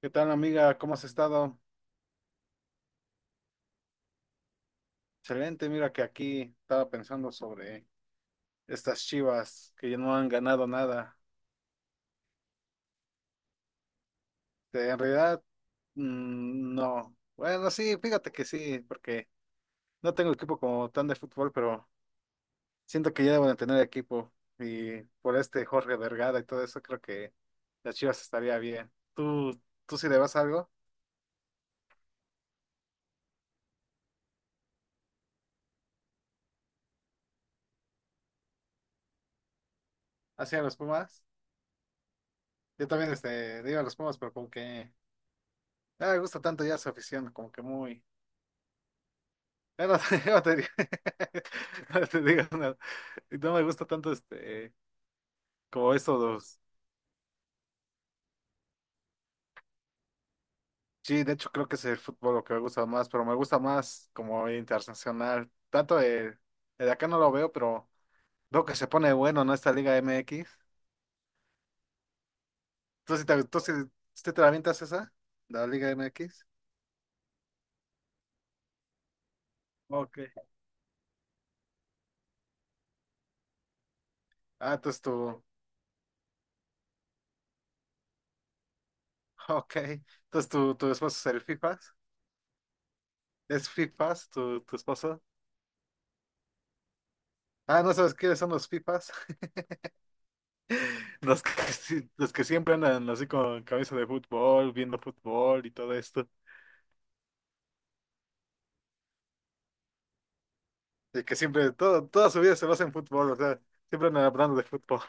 ¿Qué tal, amiga? ¿Cómo has estado? Excelente, mira que aquí estaba pensando sobre estas Chivas que ya no han ganado nada. Este, en realidad, mm, no. Bueno, sí, fíjate que sí, porque no tengo equipo como tan de fútbol, pero siento que ya deben de tener equipo. Y por este Jorge Vergara y todo eso, creo que las Chivas estaría bien. ¿Tú sí le vas algo? ¿Hacia los Pumas? Yo también este, le iba a los Pumas, pero como que no me gusta tanto ya su afición, como que muy... Ya no te, ya no te, no digo nada. Y no me gusta tanto este, como estos los, sí, de hecho creo que es el fútbol lo que me gusta más, pero me gusta más como internacional. Tanto el de acá no lo veo, pero veo que se pone bueno, ¿no? Esta Liga MX. ¿Tú sí te la avientas esa? La Liga MX. Ok. Ah, entonces tu, ok. Entonces tu esposo es el FIFAs. ¿Es FIFAs tu esposo? Ah, ¿no sabes quiénes son los FIFAs? Los que, los que siempre andan así con camisa de fútbol, viendo fútbol y todo esto. De que siempre, todo, toda su vida se basa en fútbol, o sea, siempre andan hablando de fútbol.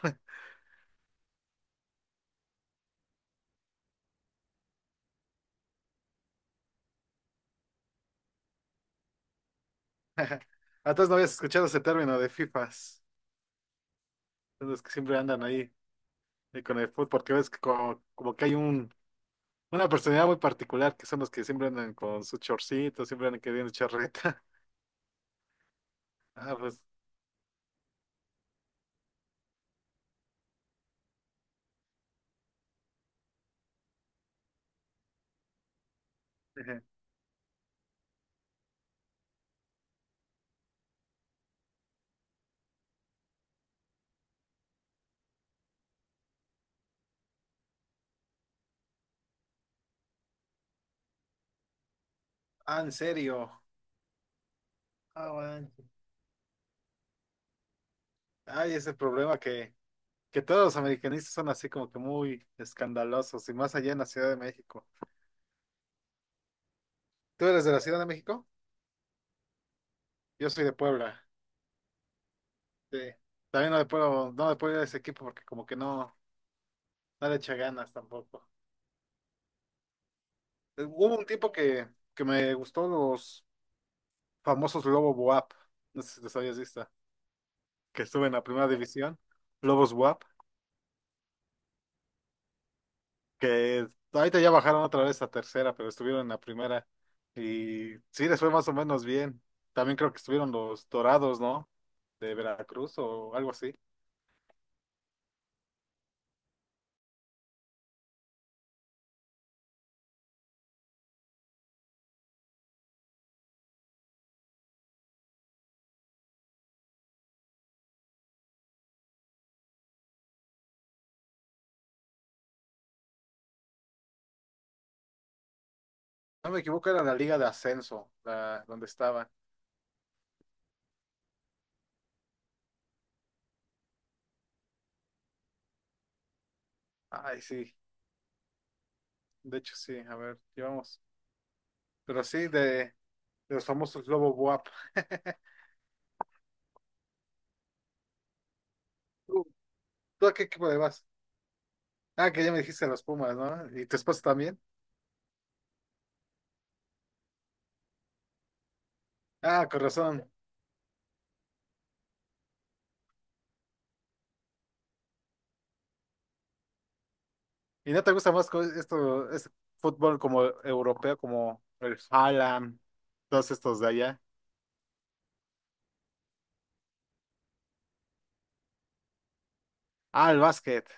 Antes no habías escuchado ese término de FIFAs. Son los que siempre andan ahí con el fútbol, porque ves que como, como que hay un, una personalidad muy particular, que son los que siempre andan con sus chorcitos, siempre andan queriendo charreta. Ah, pues. Ah, en serio. Ah, bueno. Hay ese problema que todos los americanistas son así como que muy escandalosos y más allá en la Ciudad de México. ¿Tú eres de la Ciudad de México? Yo soy de Puebla. Sí. También no le puedo ir a ese equipo porque como que no, no le echa ganas tampoco. Hubo un tiempo que me gustó los famosos Lobo WAP, no sé si los habías visto, que estuve en la primera división, Lobos WAP, que ahorita ya bajaron otra vez a tercera, pero estuvieron en la primera y sí les fue más o menos bien. También creo que estuvieron los Dorados, ¿no? De Veracruz o algo así. No me equivoco, era la Liga de Ascenso, la, donde estaba. Ay, sí, de hecho sí, a ver, llevamos. Pero sí, de los famosos Lobo Buap. ¿Tú, tú a qué equipo le vas? Ah, que ya me dijiste los Pumas, ¿no? ¿Y tu esposa también? Ah, con razón. ¿Y no te gusta más este fútbol como europeo, como el Haaland, todos estos de allá? Ah, el básquet,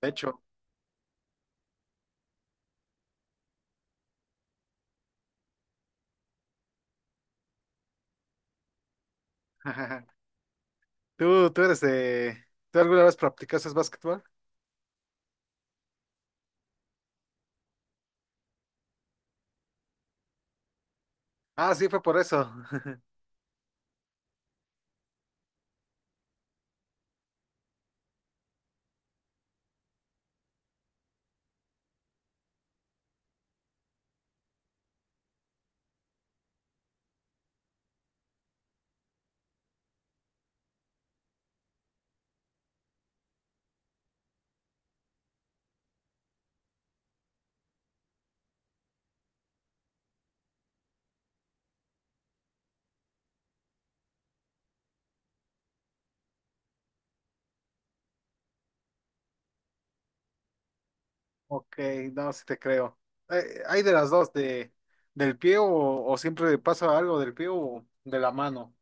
de hecho. ¿Tú eres de... ¿Tú alguna vez practicaste básquetbol? Ah, sí, fue por eso. Ok, no, sí te creo. Hay de las dos, de, del pie o siempre pasa algo del pie o de la mano.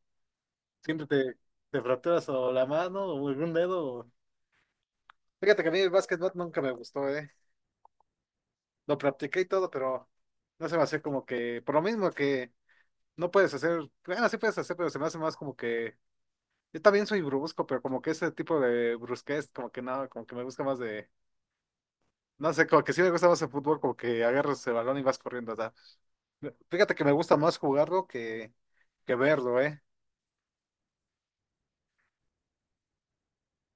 Siempre te fracturas o la mano o algún dedo. Fíjate que a mí el básquetbol nunca me gustó, ¿eh? Lo practiqué y todo, pero no se me hace como que, por lo mismo que no puedes hacer, bueno, sí puedes hacer, pero se me hace más como que, yo también soy brusco, pero como que ese tipo de brusquez, como que no, como que me gusta más de, no sé, como que sí me gusta más el fútbol, como que agarras el balón y vas corriendo. Fíjate que me gusta más jugarlo que verlo, ¿eh?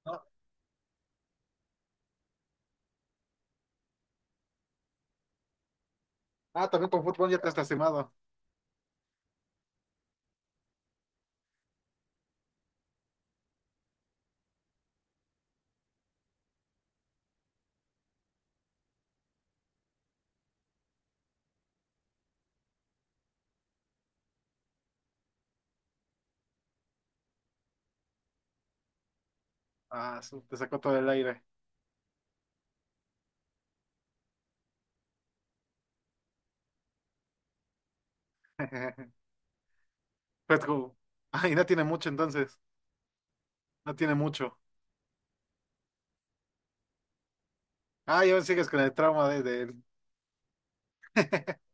No. Ah, también con fútbol ya te has lastimado. Ah, te sacó todo el aire. Pues, Ah, y no tiene mucho entonces. No tiene mucho. Ah, y aún sigues con el trauma de él.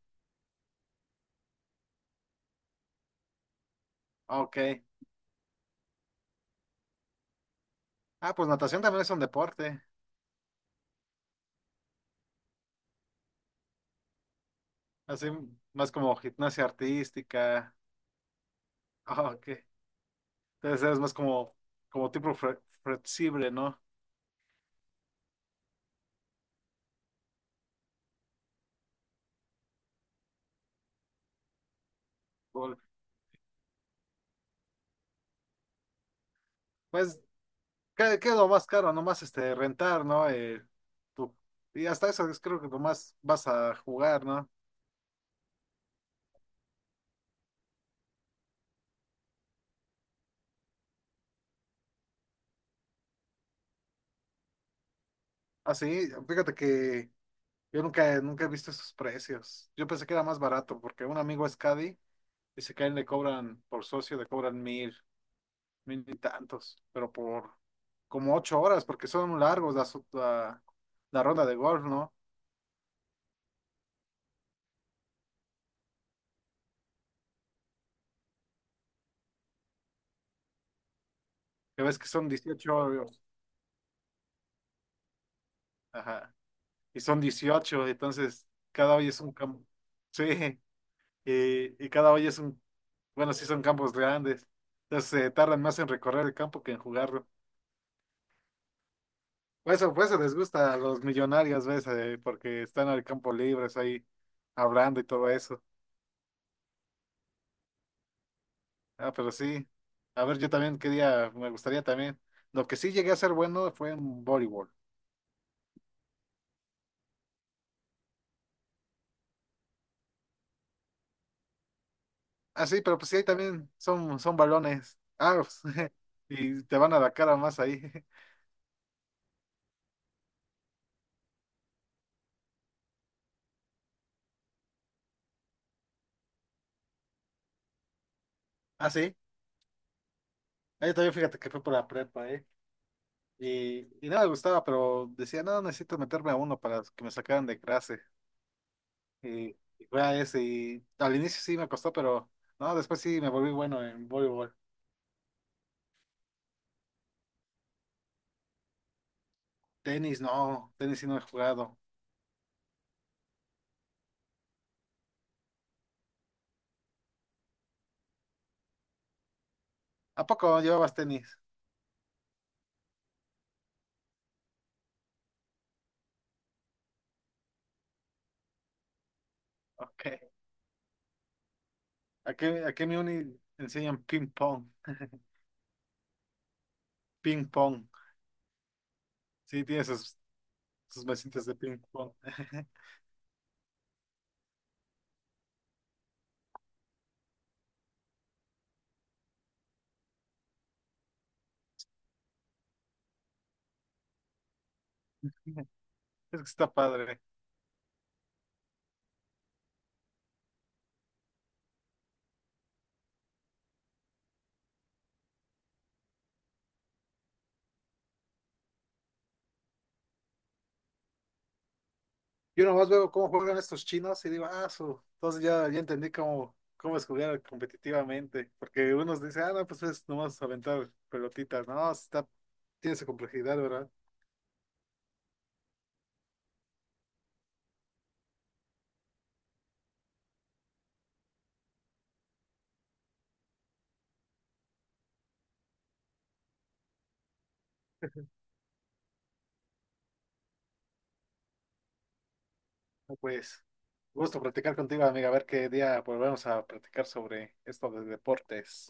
Ok. Ah, pues natación también es un deporte. Así más como gimnasia artística. Ah, ok. Entonces es más como, como tipo flexible, ¿no? Fútbol. Pues ¿Qué es lo más caro? Nomás este, rentar, ¿no? Tu- y hasta eso es creo que nomás vas a jugar, ¿no? Así, fíjate que yo nunca, nunca he visto esos precios. Yo pensé que era más barato porque un amigo es Caddy, dice que a él le cobran por socio, le cobran mil, mil y tantos, pero por como ocho horas porque son largos la, la ronda de golf, ¿no? Que ves que son 18 hoyos, ajá, y son 18 entonces cada hoy es un campo. Sí. Y cada hoyo es un, bueno, sí son campos grandes, entonces se tardan más en recorrer el campo que en jugarlo. Por eso les gusta a los millonarios, ¿ves? Porque están al campo libres ahí hablando y todo eso. Ah, pero sí, a ver, yo también quería, me gustaría también. Lo que sí llegué a ser bueno fue en voleibol. Ah, sí, pero pues sí, ahí también son balones. Ah, pues, y te van a la cara más ahí. Ah, sí, ahí también fíjate que fue por la prepa, ¿eh? Y no me gustaba, pero decía, no, necesito meterme a uno para que me sacaran de clase. Y, y fue a ese. Y al inicio sí me costó, pero no, después sí me volví bueno en voleibol. Tenis, no, tenis sí no he jugado. ¿A poco llevabas tenis? Ok. Aquí en mi uni enseñan ping pong. Ping pong. Sí, tiene sus mesitas de ping pong. Es que está padre. Yo nomás veo cómo juegan estos chinos y digo, ah, su. Entonces ya, ya entendí cómo es jugar competitivamente. Porque unos dicen, ah, no, pues es nomás aventar pelotitas. No, está, tiene su complejidad, ¿verdad? No, pues, gusto platicar contigo, amiga. A ver qué día volvemos a platicar sobre esto de deportes.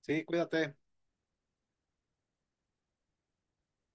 Sí, cuídate.